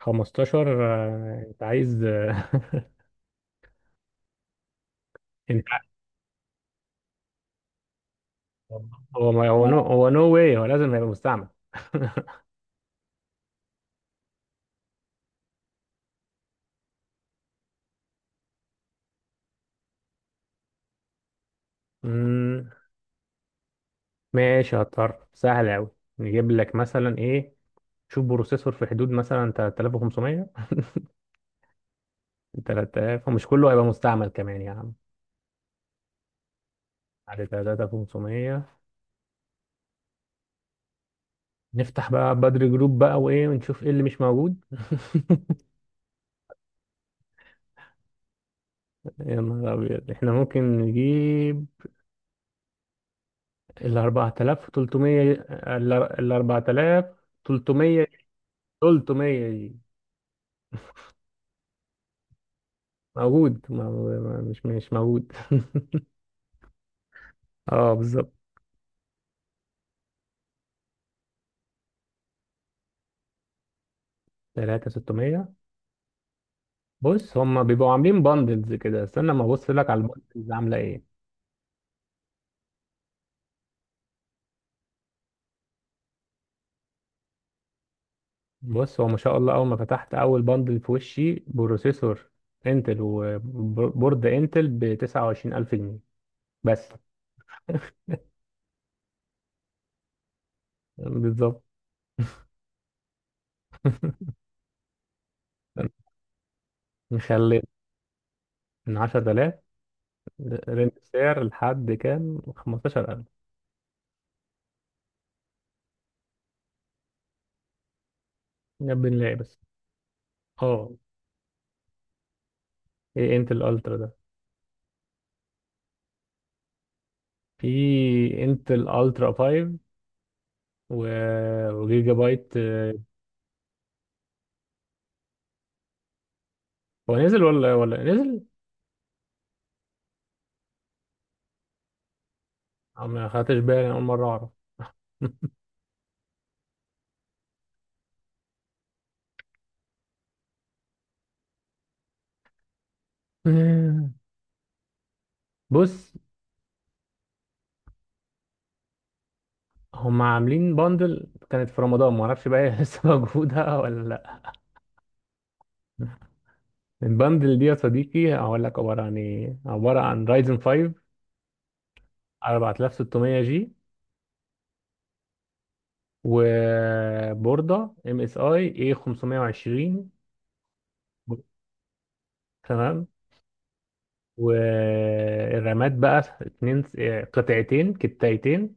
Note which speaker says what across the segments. Speaker 1: 15. انت عايز، انت عايز- هو ما هو نو واي، هو لازم هيبقى مستعمل. مم، ماشي، هضطر. سهل قوي. نجيب لك مثلا ايه؟ شوف بروسيسور في حدود مثلا 3500، 3000، ومش كله هيبقى مستعمل كمان يا عم، على 3500. نفتح بقى بدر جروب بقى وايه، ونشوف ايه اللي مش موجود. يا نهار ابيض! احنا ممكن نجيب ال 4300، ال 4300، 300 دي موجود، مش موجود. اه بالظبط. 3600. بص هم بيبقوا عاملين باندلز كده، استنى ما ابص لك على الباندلز عامله ايه. بص هو ما شاء الله، اول ما فتحت اول باندل في وشي بروسيسور انتل وبورد انتل ب 29000 جنيه بس. بالظبط. نخلي من 10000، رينج سعر لحد كام؟ 15000. نبي نلاقي بس. اه، ايه انتل الترا ده؟ في انتل الترا 5 وجيجا بايت، هو نزل ولا نزل؟ أو ما خدتش بالي، أول مرة أعرف. بص هم عاملين باندل كانت في رمضان، ما اعرفش بقى هي لسه موجودة ولا لا. الباندل دي يا صديقي هقول لك عبارة عن ايه، عبارة عن رايزن 5 4600 جي، وبوردة ام اس اي اي 520. تمام. والرامات بقى اتنين، قطعتين كتايتين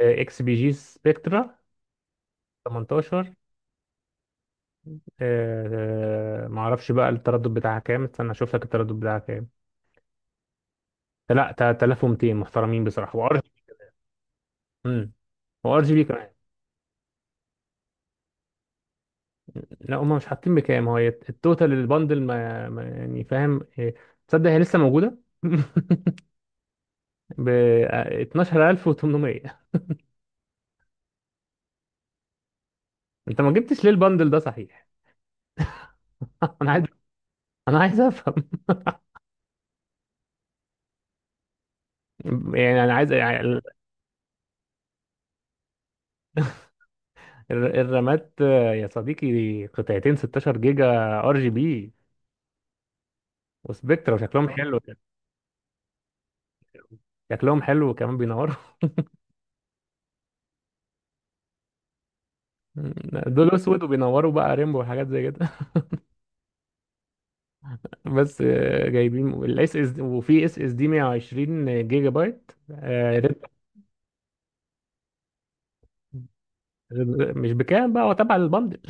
Speaker 1: اكس بي جي سبكترا 18. معرفش بقى التردد بتاعها كام، استنى اشوف لك التردد بتاعها كام. لا، 3200 محترمين بصراحه، وار جي. امم. وار جي بي كمان. لا هم مش حاطين بكام، هو التوتال البندل، يعني فاهم إيه، تصدق هي لسه موجوده. ب 12800. انت ما جبتش ليه البندل ده صحيح؟ انا عايز انا عايز افهم. يعني انا عايز يعني الرامات، يا صديقي قطعتين 16 جيجا، ار جي بي وسبكترا، وشكلهم حلو. شكلهم حلو وكمان بينوروا. دول اسود وبينوروا بقى ريمبو وحاجات زي كده. بس جايبين الاس اس، وفي اس اس دي 120 جيجا بايت. مش بكام بقى، هو تبع البندل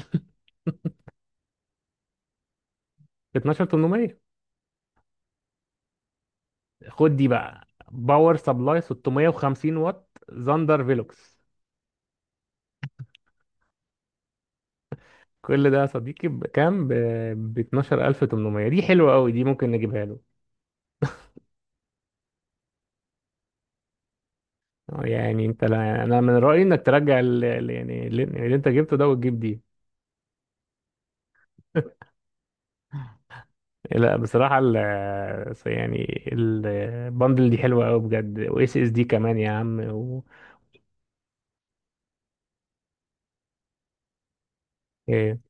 Speaker 1: ب 12800. خد دي بقى، باور سبلاي 650 واط زاندر فيلوكس. كل ده يا صديقي بكام؟ ب 12800. دي حلوه قوي، دي ممكن نجيبها له. يعني انت، لا انا من رايي انك ترجع يعني اللي انت جبته ده وتجيب دي. لا بصراحة يعني البندل دي حلوة أوي بجد، و اس اس دي كمان يا عم، و إيه،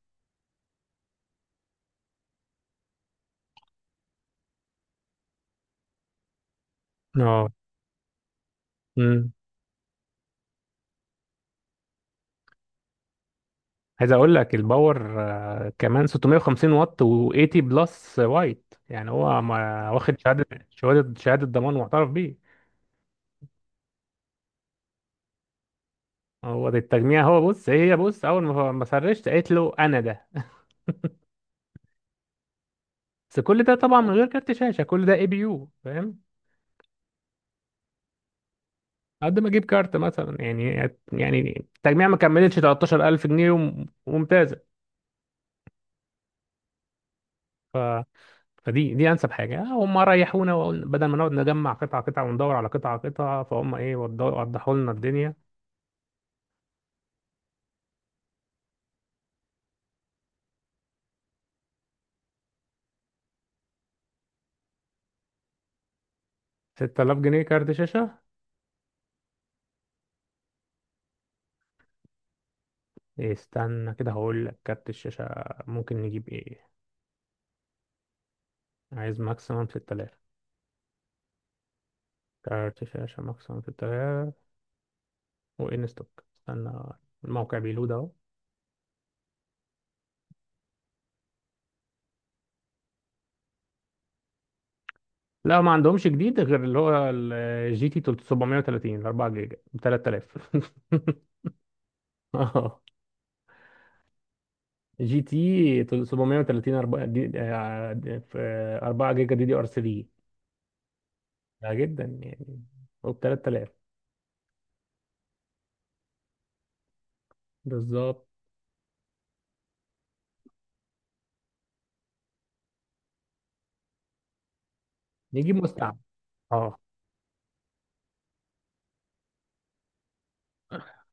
Speaker 1: اه. مم. عايز أقول لك الباور، كمان 650 واط و 80 بلس وايت، يعني هو ما واخد شهادة، شهادة ضمان معترف بيه. هو ده التجميع، هو بص، هي بص أول ما سرشت قالت له أنا ده. بس كل ده طبعا من غير كارت شاشة، كل ده اي بي يو فاهم. قد ما أجيب كارت مثلا، يعني التجميع ما كملتش 13000 جنيه، وممتاز. ف... فدي انسب حاجه، هم ريحونا، وقلنا بدل ما نقعد نجمع قطعه قطعه وندور على قطعه قطعه، فهم ايه؟ وضحوا لنا الدنيا. 6000 جنيه كارت شاشه. إيه، استنى كده هقول لك كارت الشاشه ممكن نجيب ايه. عايز ماكسيمم 6000 كارت شاشه، ماكسيمم 6000. وان ستوك، استنى الموقع بيلود اهو. لا ما عندهمش جديد غير اللي هو الجي تي 730 4 جيجا ب 3000. جي تي 730 4 دي، في 4 جيجا دي دي ار 3. ده جدا يعني. وب 3000. بالظبط. نجيب مستعمل. اه.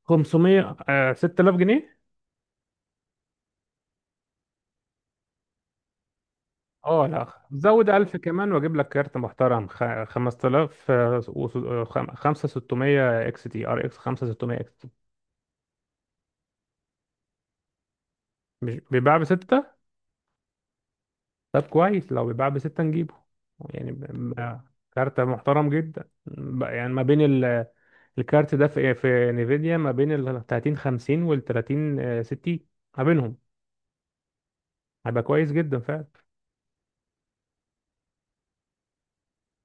Speaker 1: 500، 6000 جنيه. اه لا زود 1000 كمان واجيب لك كارت محترم، 5000، 5600 اكس تي، ار اكس 5600 اكس تي. مش بيباع بستة. طب كويس، لو بيباع بستة نجيبه. يعني كارت محترم جدا، ب- يعني ما بين الكارت ده في إيه؟ في نيفيديا ما بين ال 30 50 وال 30 60. ما بينهم. هيبقى كويس جدا فعلا.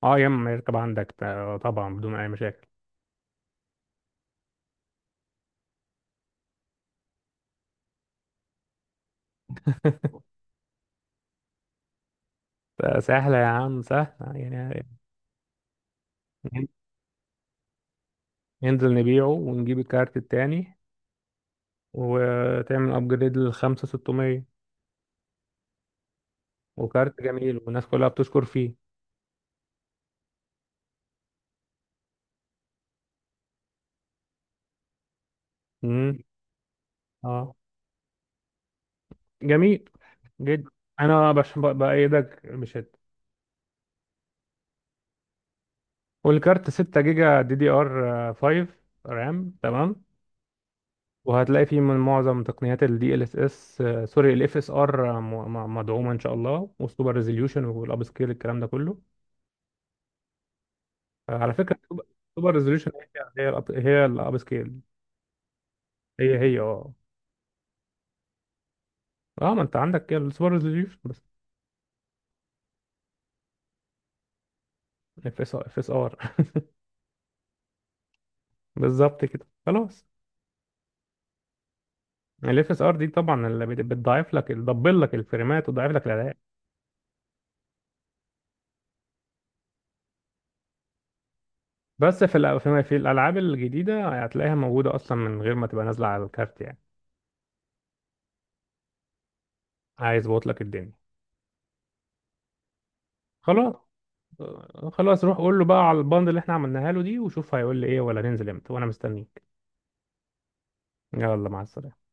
Speaker 1: اه يا اما يركب عندك، طبعا بدون اي مشاكل. سهله يا عم، سهله يعني. ننزل نبيعه ونجيب الكارت التاني، وتعمل ابجريد لل 5600. وكارت جميل والناس كلها بتشكر فيه. امم. اه جميل جدا. انا بايدك بشده. والكارت 6 جيجا دي دي ار 5 رام. تمام. وهتلاقي فيه من معظم تقنيات ال DLSS، سوري ال FSR، مدعومة إن شاء الله، والسوبر ريزوليوشن والأب سكيل الكلام ده كله. على فكرة. السوبر ريزوليوشن، هي الأب سكيل. هي هي اه. اه ما انت عندك السوبر ريزوليوشن بس. اف اس ار. بالظبط كده خلاص. الاف اس ار دي طبعا اللي بتضعف لك، تدبل لك الفريمات وتضعف لك الاداء. بس في في الالعاب الجديده هتلاقيها موجوده اصلا من غير ما تبقى نازله على الكارت يعني. عايز بوت لك الدنيا. خلاص. خلاص روح قول له بقى على الباند اللي احنا عملناها له دي، وشوف هيقول لي ايه، ولا ننزل امتى، وانا مستنيك. يلا مع السلامة.